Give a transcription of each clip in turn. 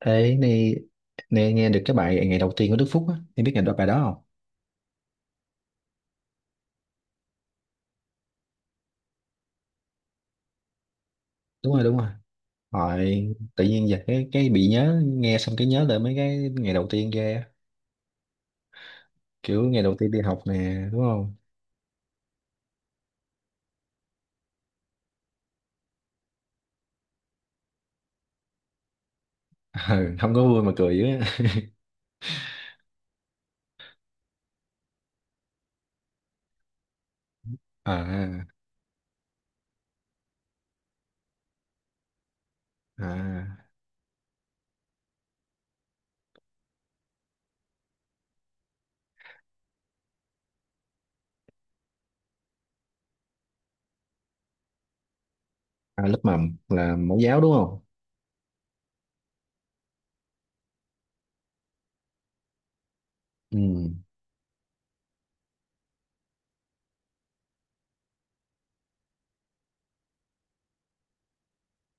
Thế này, này nghe được cái bài ngày đầu tiên của Đức Phúc á, em biết ngày đó bài đó không? Đúng rồi, đúng rồi. Hỏi tự nhiên giờ cái bị nhớ nghe xong cái nhớ lại mấy cái ngày đầu tiên kia, kiểu ngày đầu tiên đi học nè, đúng không? Ừ, không có vui mà cười dữ á. À, à, À, lớp mầm là mẫu giáo đúng không? Ừ.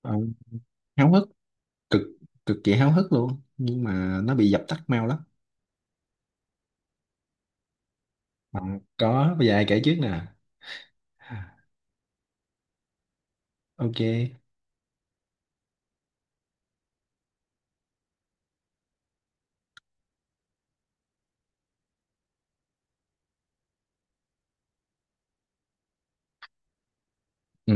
Ờ, háo hức, cực cực kỳ háo hức luôn nhưng mà nó bị dập tắt mau lắm. à, có bây giờ ai kể trước nè. À, ok. Ừ,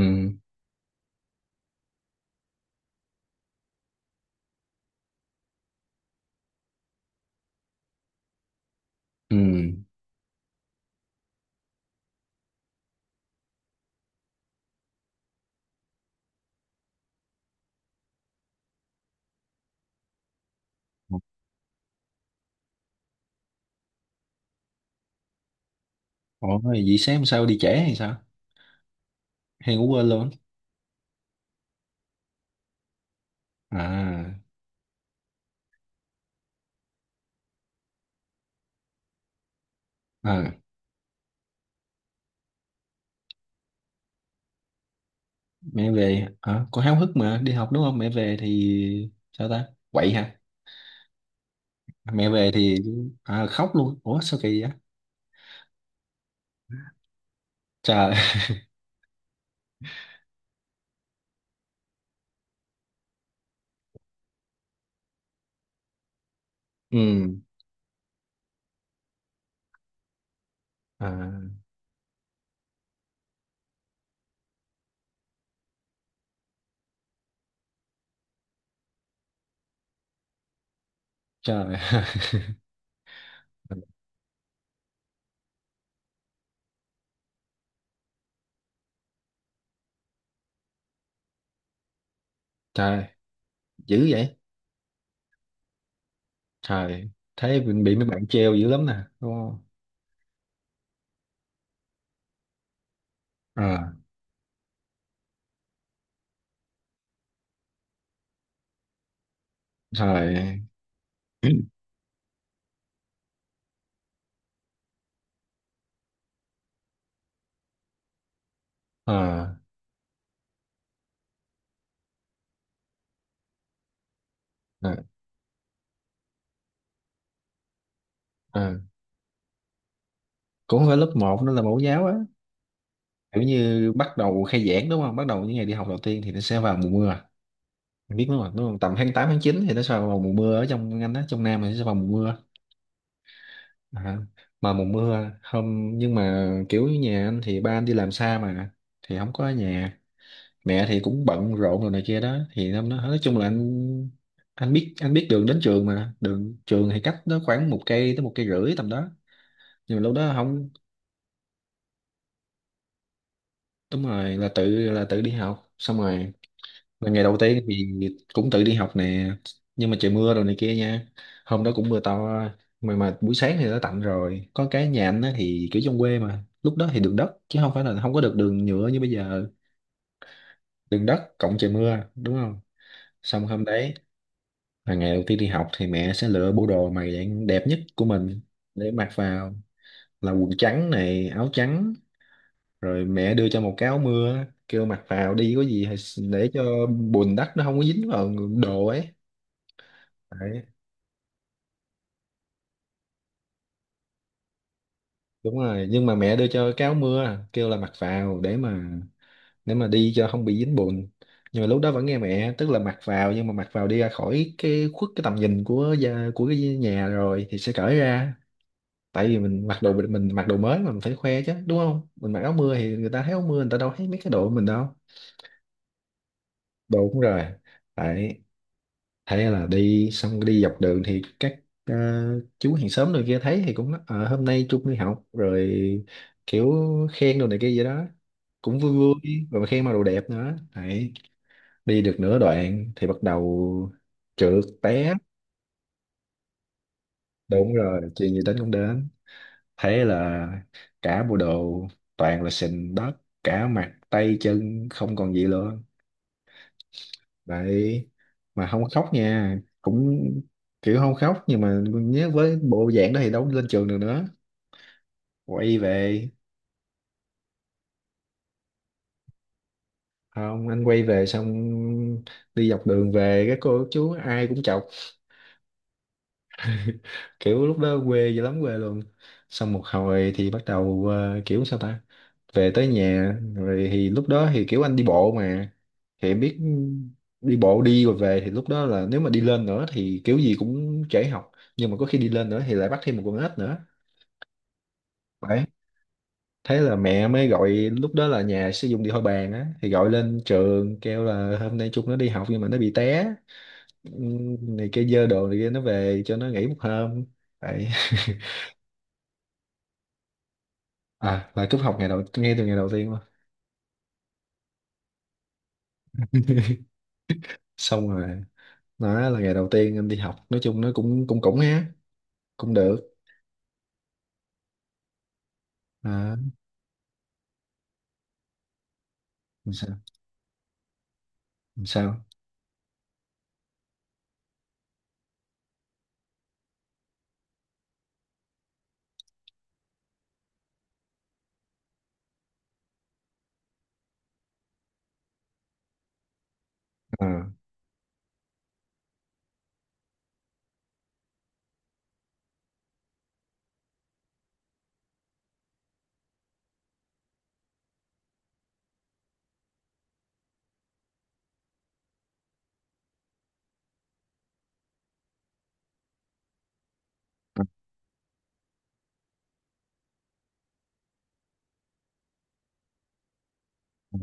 ừ. Ủa, vậy sáng hôm sau đi trễ hay sao? Hay ngủ quên luôn? À, à, mẹ về, con háo hức mà, đi học đúng không? Mẹ về thì sao ta? Quậy hả? Mẹ về thì khóc luôn. Ủa, sao kỳ vậy? Trời. Ừ, à, trời. Trời, dữ vậy? Trời, thấy bị mấy bạn treo dữ lắm nè, đúng không? À, trời. à, à, à. Cũng không phải lớp một, nó là mẫu giáo á, kiểu như bắt đầu khai giảng đúng không? Bắt đầu những ngày đi học đầu tiên thì nó sẽ vào mùa mưa. Mình biết đúng không? Đúng không? Tầm tháng 8 tháng 9 thì nó sẽ vào mùa mưa ở trong anh đó, trong Nam thì nó sẽ vào mùa mưa. À, mà mùa mưa không, nhưng mà kiểu như nhà anh thì ba anh đi làm xa mà, thì không có ở nhà. Mẹ thì cũng bận rộn rồi này kia đó, thì năm nó nói chung là anh biết đường đến trường, mà đường trường thì cách nó khoảng một cây tới một cây rưỡi tầm đó, nhưng mà lúc đó không. Đúng rồi, là tự đi học xong rồi. Là ngày đầu tiên thì cũng tự đi học nè, nhưng mà trời mưa rồi này kia nha, hôm đó cũng mưa to, mà buổi sáng thì đã tạnh rồi. Có cái nhà anh á thì kiểu trong quê mà, lúc đó thì đường đất chứ không phải là không có được đường nhựa như bây giờ. Đường đất cộng trời mưa đúng không, xong hôm đấy là ngày đầu tiên đi học thì mẹ sẽ lựa bộ đồ mà dạng đẹp nhất của mình để mặc vào, là quần trắng này, áo trắng. Rồi mẹ đưa cho một cái áo mưa kêu mặc vào đi, có gì thì để cho bùn đất nó không có dính vào đồ ấy. Đấy, đúng rồi, nhưng mà mẹ đưa cho cái áo mưa kêu là mặc vào để mà đi cho không bị dính bùn, nhưng mà lúc đó vẫn nghe mẹ, tức là mặc vào, nhưng mà mặc vào đi ra khỏi cái khuất cái tầm nhìn của của cái nhà rồi thì sẽ cởi ra. Tại vì mình mặc đồ mới mà, mình phải khoe chứ đúng không, mình mặc áo mưa thì người ta thấy áo mưa, người ta đâu thấy mấy cái đồ của mình đâu. Đồ cũng rồi đấy. Thế là đi, xong đi dọc đường thì các chú hàng xóm rồi kia thấy thì cũng nói, "Ờ, hôm nay Trung đi học rồi", kiểu khen đồ này kia vậy đó, cũng vui vui, rồi mà khen mặc đồ đẹp nữa đấy. Đi được nửa đoạn thì bắt đầu trượt té. Đúng rồi, chuyện gì đến cũng đến. Thế là cả bộ đồ toàn là sình đất, cả mặt tay chân không còn gì luôn. Đấy, mà không có khóc nha, cũng kiểu không khóc, nhưng mà nhớ với bộ dạng đó thì đâu lên trường được nữa, quay về. Không, anh quay về xong, đi dọc đường về các cô các chú ai cũng chọc. Kiểu lúc đó quê dữ lắm, quê luôn. Xong một hồi thì bắt đầu kiểu sao ta, về tới nhà rồi thì lúc đó thì kiểu anh đi bộ mà thì em biết, đi bộ đi rồi về thì lúc đó là nếu mà đi lên nữa thì kiểu gì cũng trễ học, nhưng mà có khi đi lên nữa thì lại bắt thêm một con ếch nữa đấy. Thế là mẹ mới gọi, lúc đó là nhà sử dụng điện thoại bàn á, thì gọi lên trường kêu là hôm nay chúng nó đi học nhưng mà nó bị té. Này kia dơ đồ này kia, nó về cho nó nghỉ một hôm vậy. Là cúp học ngày đầu, ngay từ ngày đầu tiên luôn. Xong rồi, nó là ngày đầu tiên em đi học, nói chung nó cũng cũng cũng ha, cũng được. à, làm sao, làm sao. à, à, à,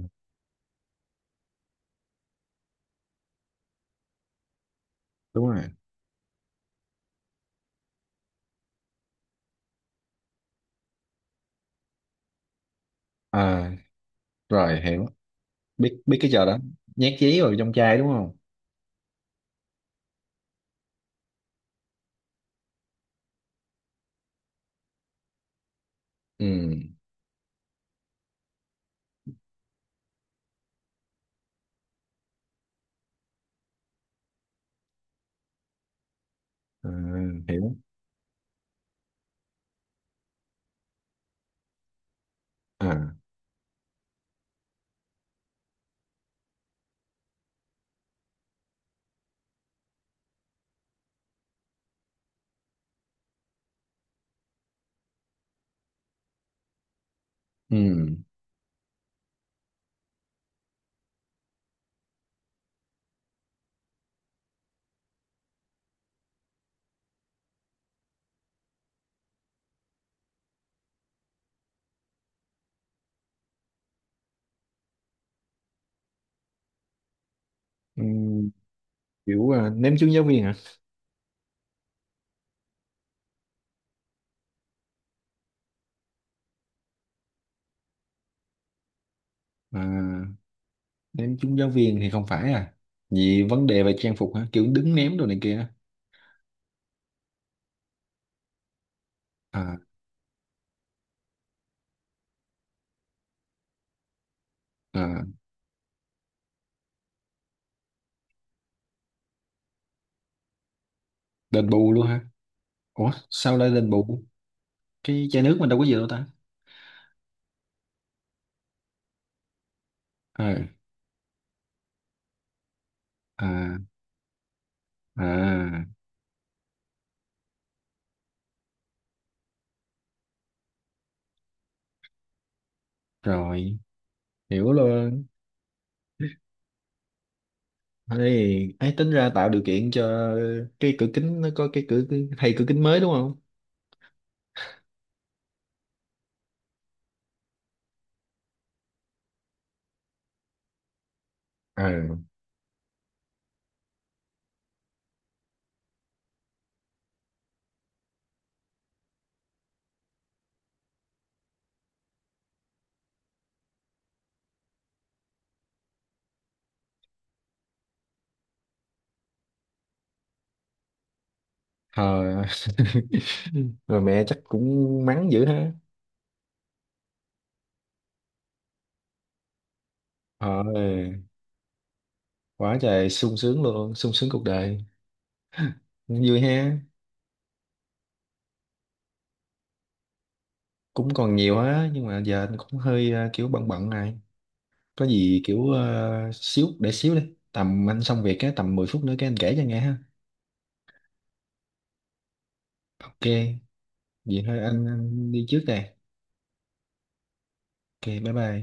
Đúng rồi. à Rồi, hiểu, biết biết cái trò đó. Nhét giấy vào trong chai đúng không. Ừ. à, Hiểu. à ừ. Ừm, Kiểu ném trúng giáo viên hả? à, Ném trúng giáo viên thì không phải vì vấn đề về trang phục hả, kiểu đứng ném đồ này kia á? à, à Đền bù luôn hả? Ủa sao lại đền bù? Cái chai nước mình đâu có gì đâu ta? à, à, à Rồi, hiểu luôn. Ấy ấy, tính ra tạo điều kiện cho cái cửa kính nó có cái cửa, thay cửa kính mới đúng không. Ờ. Ờ. Rồi mẹ chắc cũng mắng dữ ha. Ờ, quá trời sung sướng luôn, sung sướng cuộc đời, vui ha. Cũng còn nhiều á nhưng mà giờ anh cũng hơi kiểu bận bận này, có gì kiểu xíu để xíu đi. Tầm anh xong việc á, tầm 10 phút nữa cái anh kể cho nghe ha. Ok, vậy thôi anh đi trước đây. Ok, bye bye.